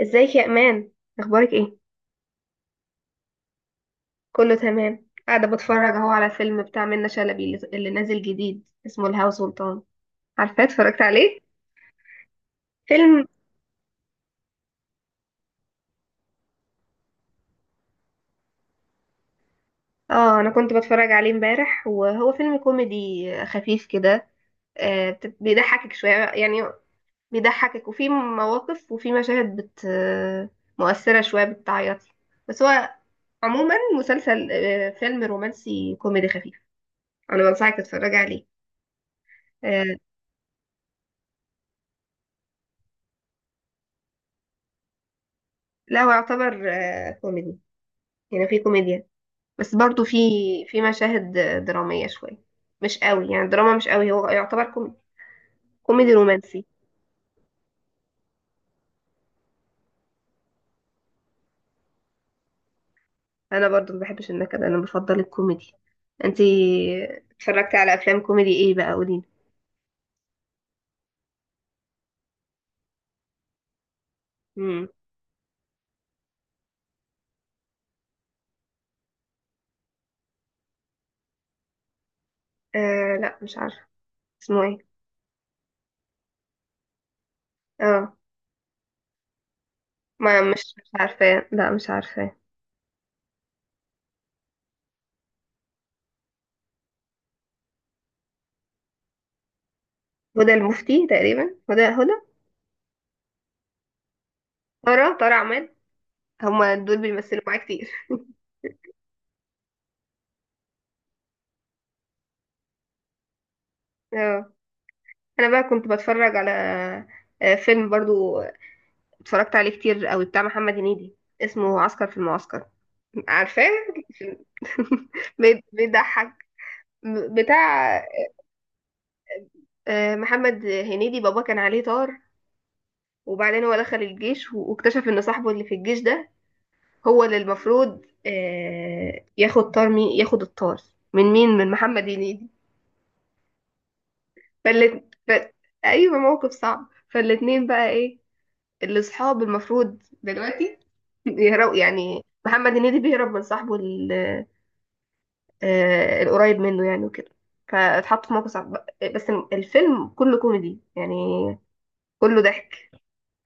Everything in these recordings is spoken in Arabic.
ازيك يا امان؟ اخبارك ايه؟ كله تمام. قاعده بتفرج اهو على فيلم بتاع منة شلبي اللي نازل جديد اسمه الهوى سلطان. عارفاه؟ اتفرجت عليه؟ فيلم. اه انا كنت بتفرج عليه امبارح، وهو فيلم كوميدي خفيف كده. آه، بيضحكك شويه يعني. بيضحكك، وفي مواقف وفي مشاهد بت مؤثره شويه، بتعيط. بس هو عموما مسلسل، فيلم رومانسي كوميدي خفيف. انا بنصحك تتفرجي عليه. آه، لا هو يعتبر كوميدي. يعني في كوميديا، بس برضو في في مشاهد درامية شوية. مش قوي يعني الدراما، مش قوي. هو يعتبر كوميدي، كوميدي رومانسي. انا برضو ما بحبش النكد، انا بفضل الكوميدي. انتي اتفرجتي على افلام كوميدي ايه بقى؟ قوليلي. امم. آه لا مش عارفة. اسمه ايه؟ اه، ما مش عارفة، لا مش عارفة. هدى المفتي تقريبا، هدى. ترى عماد. هما دول بيمثلوا معايا كتير. اه، انا بقى كنت بتفرج على فيلم برضو، اتفرجت عليه كتير قوي، بتاع محمد هنيدي، اسمه عسكر في المعسكر. عارفاه؟ بيضحك. بتاع محمد هنيدي. بابا كان عليه طار، وبعدين هو دخل الجيش واكتشف ان صاحبه اللي في الجيش ده هو اللي المفروض ياخد طار. مين ياخد الطار؟ من مين؟ من محمد هنيدي. فالت... ف... ايوه، موقف صعب. فالاتنين بقى ايه، الاصحاب المفروض دلوقتي. يهرب يعني، محمد هنيدي بيهرب من صاحبه القريب منه يعني وكده. فاتحط في موقف صعب. بس الفيلم كله كوميدي يعني، كله ضحك.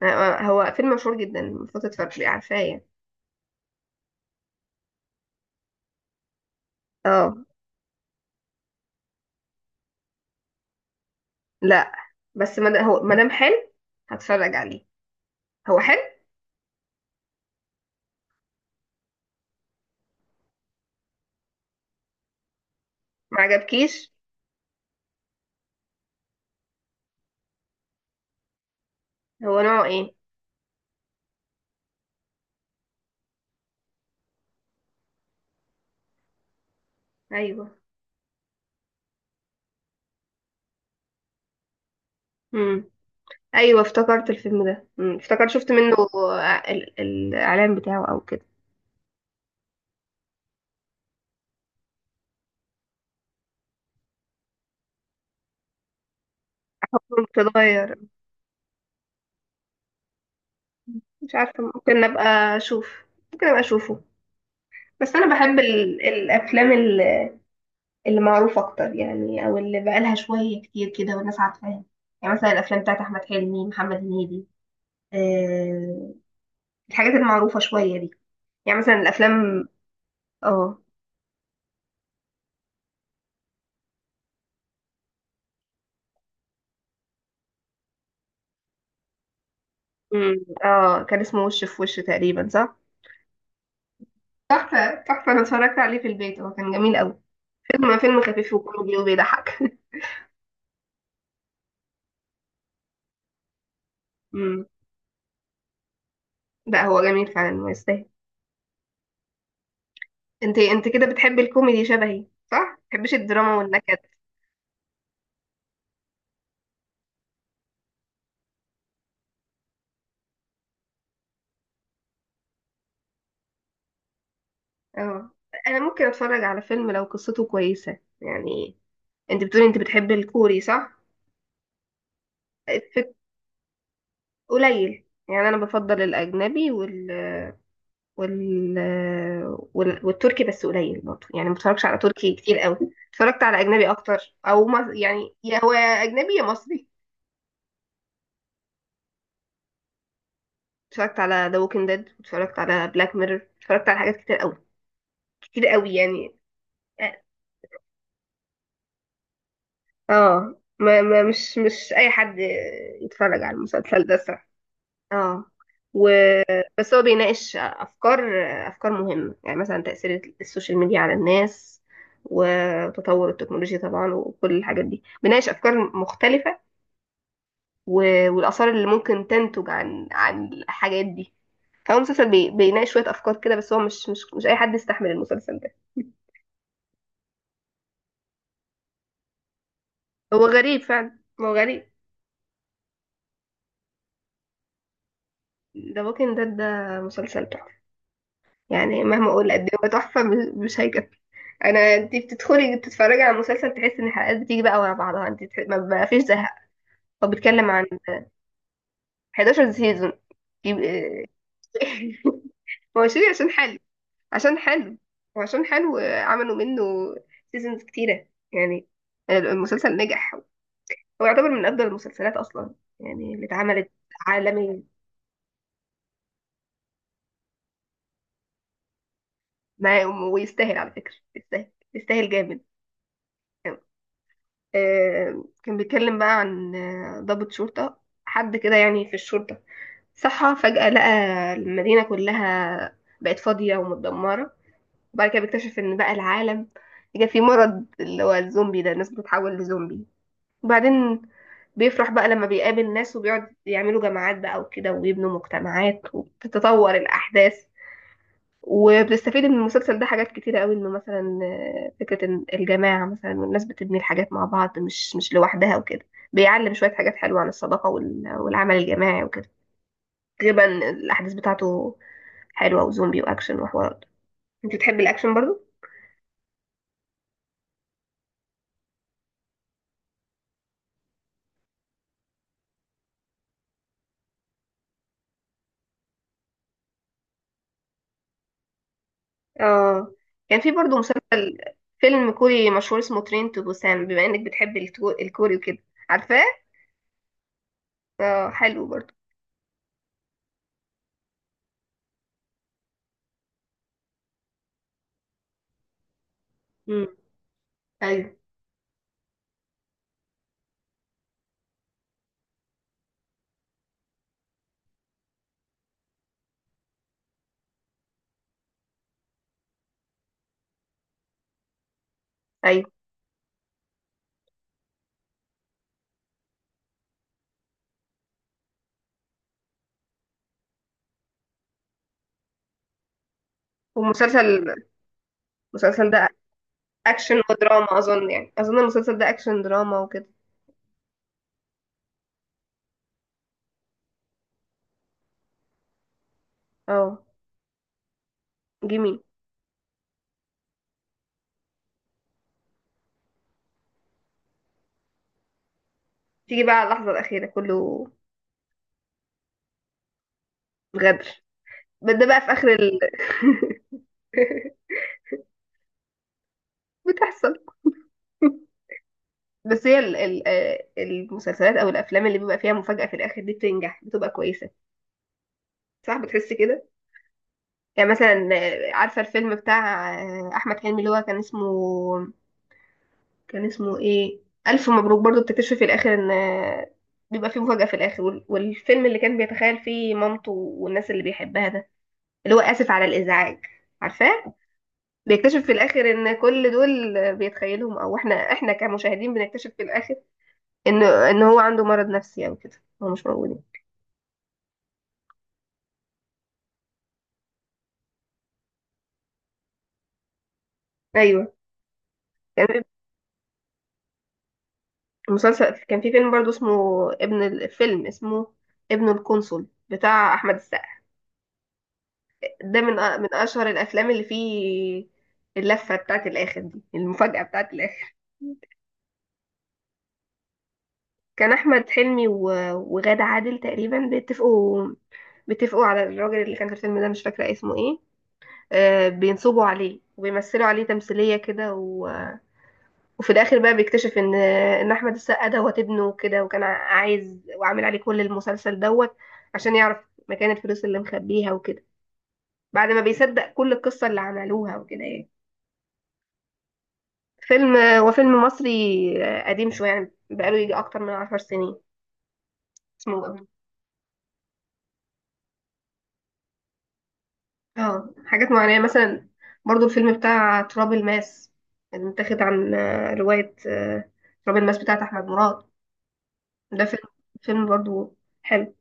هو فيلم مشهور جدا، المفروض تتفرجي، عارفاه يعني. اه لا، بس ما هو ما دام حلو هتفرج عليه. هو حلو. ما عجبكيش؟ هو نوعه ايه؟ ايوه. امم. ايوه افتكرت الفيلم ده. افتكرت، شفت منه الاعلان بتاعه او كده. حكم تتغير. مش عارفه، ممكن ابقى اشوف. ممكن ابقى اشوفه. بس انا بحب الافلام اللي معروف اكتر يعني، او اللي بقالها شويه كتير كده والناس عارفاها. يعني مثلا الافلام بتاعت احمد حلمي، محمد هنيدي. آه الحاجات المعروفه شويه دي. يعني مثلا الافلام. اه. أمم. اه، كان اسمه وش في وش تقريبا، صح. تحفه تحفه، انا اتفرجت عليه في البيت، هو كان جميل قوي. فيلم خفيف وكوميدي وبيضحك. أمم. لا هو جميل فعلا ويستاهل. انت كده بتحبي الكوميدي شبهي، صح؟ ما بتحبيش الدراما والنكد. اه، انا ممكن اتفرج على فيلم لو قصته كويسه يعني. انت بتقولي انت بتحبي الكوري، صح؟ في قليل يعني، انا بفضل الاجنبي وال... والتركي، بس قليل برضه يعني، ما بتفرجش على تركي كتير قوي. اتفرجت على اجنبي اكتر. او يعني يا هو يا اجنبي يا مصري. اتفرجت على ذا ووكينج ديد، اتفرجت على بلاك ميرور، اتفرجت على حاجات كتير قوي، كتير قوي يعني. اه. ما مش اي حد يتفرج على المسلسل ده، صح. اه. و... بس هو بيناقش افكار، افكار مهمه يعني، مثلا تاثير السوشيال ميديا على الناس، وتطور التكنولوجيا طبعا، وكل الحاجات دي بيناقش افكار مختلفه، والاثار اللي ممكن تنتج عن الحاجات دي. فهو مسلسل بيناقش شويه افكار كده. بس هو مش اي حد يستحمل المسلسل ده. هو غريب فعلا، هو غريب. ذا ووكينج ديد ده مسلسل تحفه. يعني مهما اقول قد ايه هو تحفه، مش هيكفي. انا انت بتدخلي تتفرجي على المسلسل، تحسي ان الحلقات بتيجي بقى ورا بعضها، انت ما فيش زهق. هو بيتكلم عن 11 سيزون يبقى- هو شيء، عشان حلو، عشان حلو، وعشان حلو عملوا منه سيزونز كتيره يعني. المسلسل نجح، هو يعتبر من افضل المسلسلات اصلا يعني اللي اتعملت عالمي. ما ويستاهل على فكره، يستاهل يستاهل جامد. كان بيتكلم بقى عن ضابط شرطة، حد كده يعني في الشرطة، صحى فجأة لقى المدينة كلها بقت فاضية ومتدمرة. وبعد كده بيكتشف ان بقى العالم جه فيه مرض، اللي هو الزومبي ده، الناس بتتحول لزومبي. وبعدين بيفرح بقى لما بيقابل ناس، وبيقعد يعملوا جماعات بقى وكده، ويبنوا مجتمعات وتتطور الأحداث. وبتستفيد من المسلسل ده حاجات كتيرة قوي. انه مثلا فكرة إن الجماعة مثلا، والناس بتبني الحاجات مع بعض مش لوحدها وكده. بيعلم شوية حاجات حلوة عن الصداقة والعمل الجماعي وكده. غالبا الأحداث بتاعته حلوة، وزومبي وأكشن وحوارات. انت بتحب الأكشن برضو؟ اه، كان في برضو مسلسل، فيلم كوري مشهور اسمه ترين تو بوسان، بما انك بتحب الكوري وكده. عارفاه؟ اه، حلو برضو. امم. ايوه، ايوه. والمسلسل ده اكشن ودراما اظن يعني، اظن المسلسل ده اكشن دراما وكده. اه جميل. تيجي بقى على اللحظة الأخيرة كله غدر. ده بقى في آخر بتحصل. بس هي المسلسلات أو الأفلام اللي بيبقى فيها مفاجأة في الآخر دي بتنجح، بتبقى كويسة. صح، بتحس كده. يعني مثلا عارفة الفيلم بتاع أحمد حلمي اللي هو كان اسمه، كان اسمه ايه، الف مبروك. برضو بتكتشفي في الاخر ان بيبقى فيه مفاجأة في الاخر. والفيلم اللي كان بيتخيل فيه مامته والناس اللي بيحبها ده، اللي هو اسف على الازعاج، عارفاه، بيكتشف في الاخر ان كل دول بيتخيلهم، او احنا كمشاهدين بنكتشف في الاخر ان هو عنده مرض نفسي او كده، هو مش موجود. ايوه، كان مسلسل، كان في فيلم برضو اسمه، ابن الفيلم اسمه ابن القنصل، بتاع احمد السقا. ده من من اشهر الافلام اللي فيه اللفه بتاعت الاخر دي، المفاجاه بتاعت الاخر. كان احمد حلمي وغادة عادل تقريبا بيتفقوا، بيتفقوا على الراجل اللي كان في الفيلم ده، مش فاكره اسمه ايه. آه، بينصبوا عليه وبيمثلوا عليه تمثيليه كده، وفي الاخر بقى بيكتشف ان احمد السقا دوت ابنه كده، وكان عايز وعامل عليه كل المسلسل دوت عشان يعرف مكان الفلوس اللي مخبيها وكده، بعد ما بيصدق كل القصه اللي عملوها وكده يعني. فيلم، هو فيلم مصري قديم شوية يعني، بقاله يجي أكتر من 10 سنين. اسمه. اه، حاجات معينة مثلا، برضو الفيلم بتاع تراب الماس، اللي متاخد عن رواية تراب الماس بتاعت أحمد مراد. ده فيلم، فيلم برضو حلو.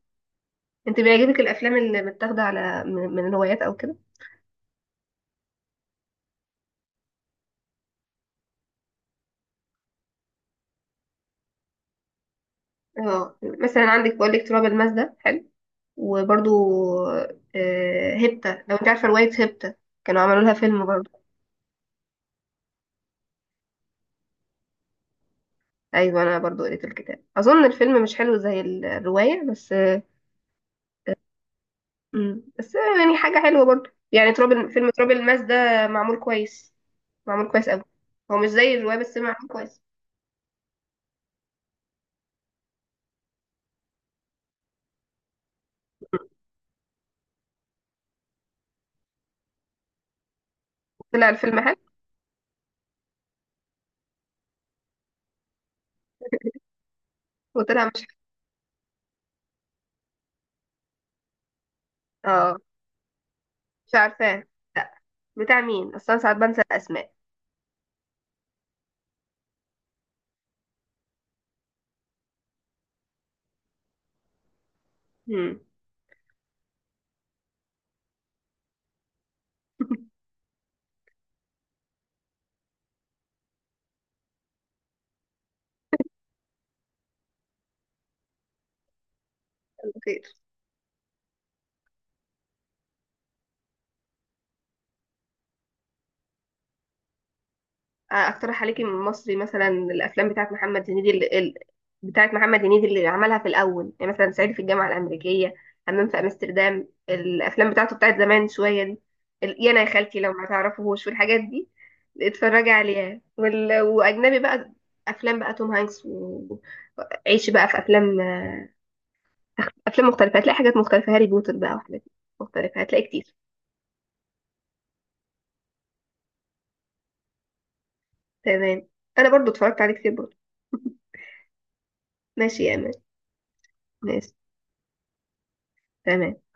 انت بيعجبك الأفلام اللي متاخدة على من الروايات أو كده؟ اه، مثلا عندك بقول لك تراب الماس ده حلو، وبرضو هيبتا، لو انت عارفة رواية هيبتا، كانوا عملوا لها فيلم برضو. ايوه، انا برضو قريت الكتاب، اظن الفيلم مش حلو زي الروايه بس. امم، بس يعني حاجه حلوه برضو يعني، فيلم تراب الماس ده معمول كويس، معمول كويس قوي. هو مش زي الروايه بس معمول كويس. طلع الفيلم حلو؟ وطلع مش حلو. اه، مش عارفاه لا. بتاع مين اصلا، ساعات بنسى الاسماء. امم. خير. اقترح عليكي من مصري، مثلا الافلام بتاعت محمد هنيدي بتاعت محمد هنيدي اللي عملها في الاول يعني، مثلا صعيدي في الجامعه الامريكيه، همام في امستردام، الافلام بتاعته بتاعت زمان شويه دي. يانا يا خالتي، لو ما تعرفوهوش والحاجات دي، اتفرجي عليها. واجنبي بقى، افلام بقى توم هانكس وعيشي بقى في افلام، افلام مختلفه هتلاقي حاجات مختلفه، هاري بوتر بقى وحاجات مختلفه، هتلاقي كتير. تمام، انا برضو اتفرجت عليه كتير برضو. ماشي يا امان. ماشي. تمام.